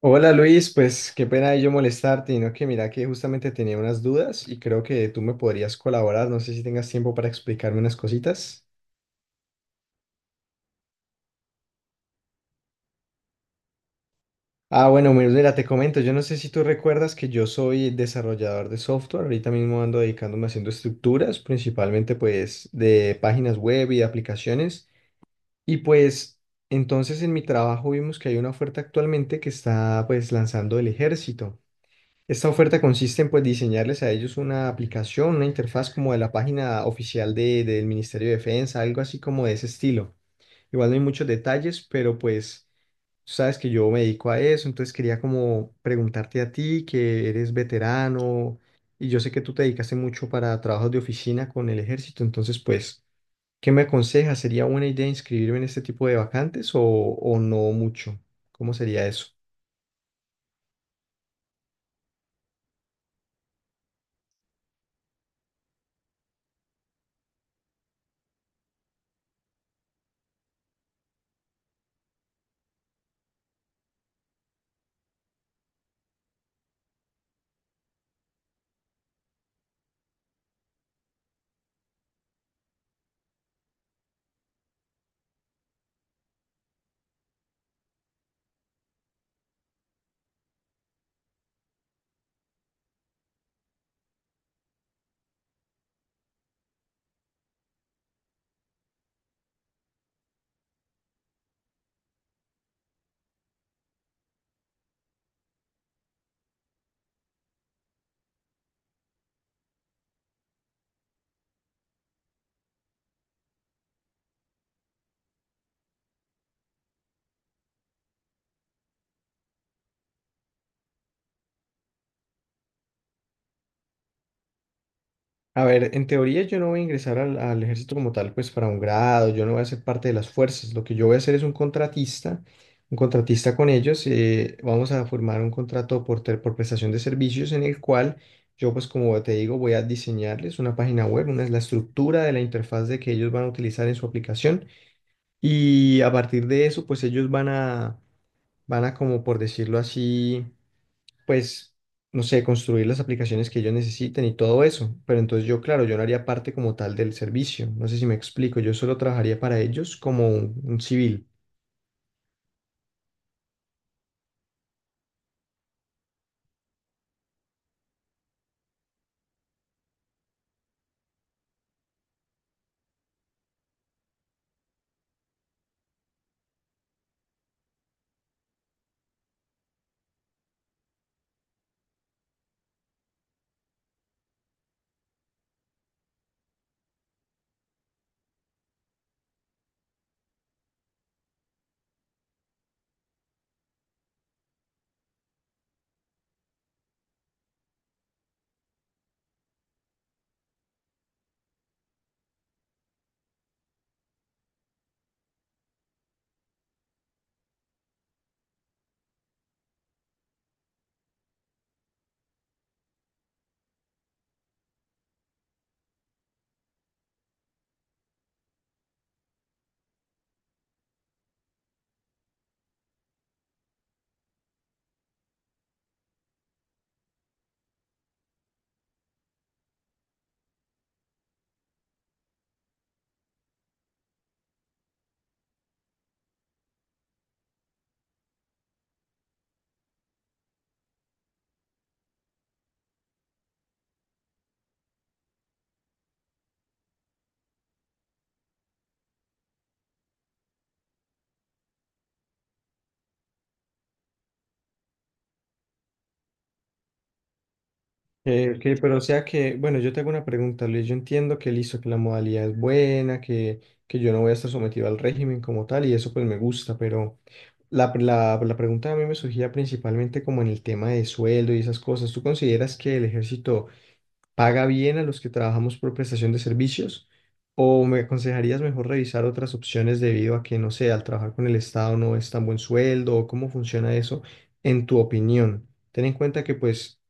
Hola Luis, pues qué pena yo molestarte, y no que mira que justamente tenía unas dudas y creo que tú me podrías colaborar, no sé si tengas tiempo para explicarme unas cositas. Ah, bueno, mira, te comento, yo no sé si tú recuerdas que yo soy desarrollador de software, ahorita mismo ando dedicándome haciendo estructuras, principalmente pues de páginas web y de aplicaciones, y pues entonces en mi trabajo vimos que hay una oferta actualmente que está pues lanzando el ejército. Esta oferta consiste en pues, diseñarles a ellos una aplicación, una interfaz como de la página oficial del Ministerio de Defensa, algo así como de ese estilo. Igual no hay muchos detalles, pero pues tú sabes que yo me dedico a eso, entonces quería como preguntarte a ti, que eres veterano y yo sé que tú te dedicaste mucho para trabajos de oficina con el ejército, entonces pues, ¿qué me aconsejas? ¿Sería buena idea inscribirme en este tipo de vacantes o no mucho? ¿Cómo sería eso? A ver, en teoría yo no voy a ingresar al ejército como tal, pues para un grado, yo no voy a ser parte de las fuerzas, lo que yo voy a hacer es un contratista con ellos, vamos a formar un contrato por prestación de servicios en el cual yo pues como te digo voy a diseñarles una página web, una es la estructura de la interfaz de que ellos van a utilizar en su aplicación y a partir de eso pues ellos van a, van a como por decirlo así pues, no sé, construir las aplicaciones que ellos necesiten y todo eso. Pero entonces yo, claro, yo no haría parte como tal del servicio. No sé si me explico, yo solo trabajaría para ellos como un civil. Ok, pero o sea que, bueno, yo te hago una pregunta, Luis. Yo entiendo que listo, que la modalidad es buena, que yo no voy a estar sometido al régimen como tal y eso pues me gusta, pero la pregunta a mí me surgía principalmente como en el tema de sueldo y esas cosas. ¿Tú consideras que el ejército paga bien a los que trabajamos por prestación de servicios? ¿O me aconsejarías mejor revisar otras opciones debido a que, no sé, al trabajar con el Estado no es tan buen sueldo? ¿O cómo funciona eso en tu opinión? Ten en cuenta que pues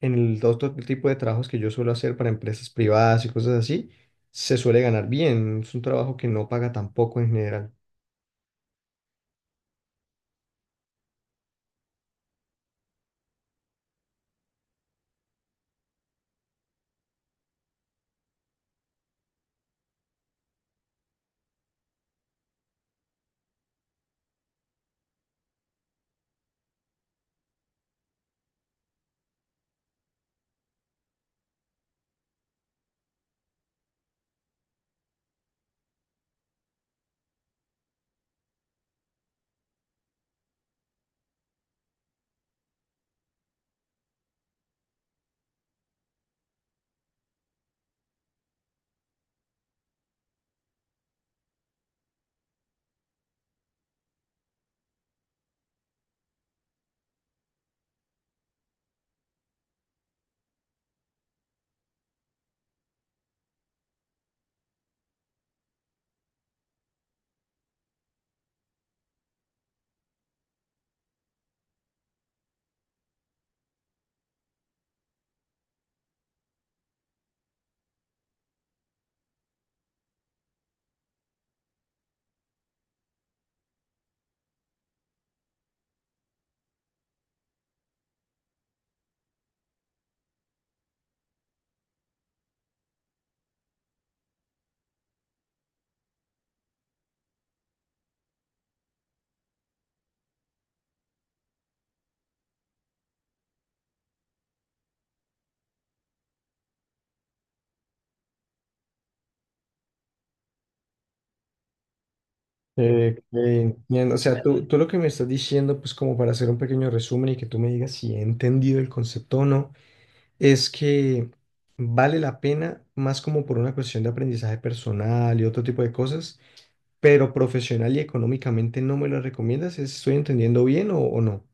en el otro tipo de trabajos que yo suelo hacer para empresas privadas y cosas así, se suele ganar bien. Es un trabajo que no paga tampoco en general. Entiendo. O sea, tú lo que me estás diciendo, pues como para hacer un pequeño resumen y que tú me digas si he entendido el concepto o no, es que vale la pena más como por una cuestión de aprendizaje personal y otro tipo de cosas, pero profesional y económicamente no me lo recomiendas. ¿Estoy entendiendo bien o no?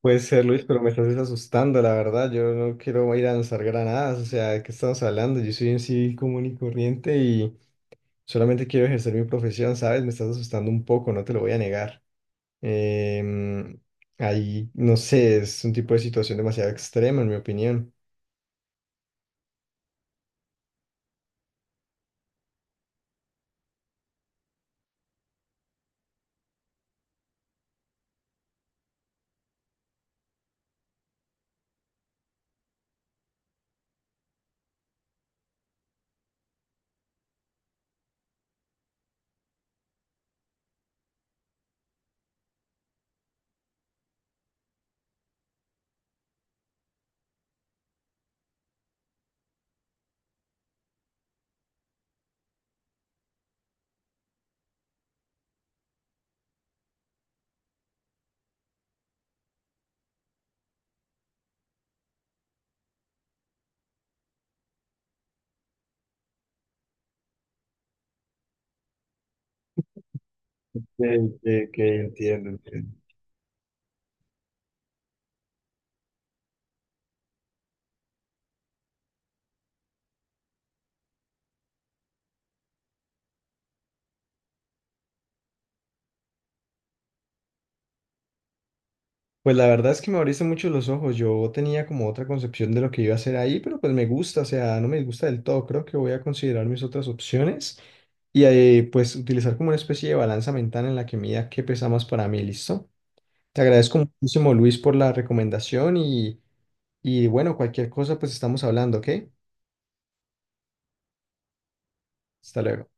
Puede ser, Luis, pero me estás asustando, la verdad. Yo no quiero ir a lanzar granadas. O sea, ¿de qué estamos hablando? Yo soy un civil común y corriente y solamente quiero ejercer mi profesión, ¿sabes? Me estás asustando un poco, no te lo voy a negar. Em, ahí, no sé, es un tipo de situación demasiado extrema, en mi opinión. De que entiendo, entiendo. Pues la verdad es que me abriste mucho los ojos. Yo tenía como otra concepción de lo que iba a hacer ahí, pero pues me gusta, o sea, no me disgusta del todo. Creo que voy a considerar mis otras opciones y pues utilizar como una especie de balanza mental en la que mida qué pesa más para mí, ¿listo? Te agradezco muchísimo, Luis, por la recomendación y bueno, cualquier cosa, pues estamos hablando, ¿ok? Hasta luego.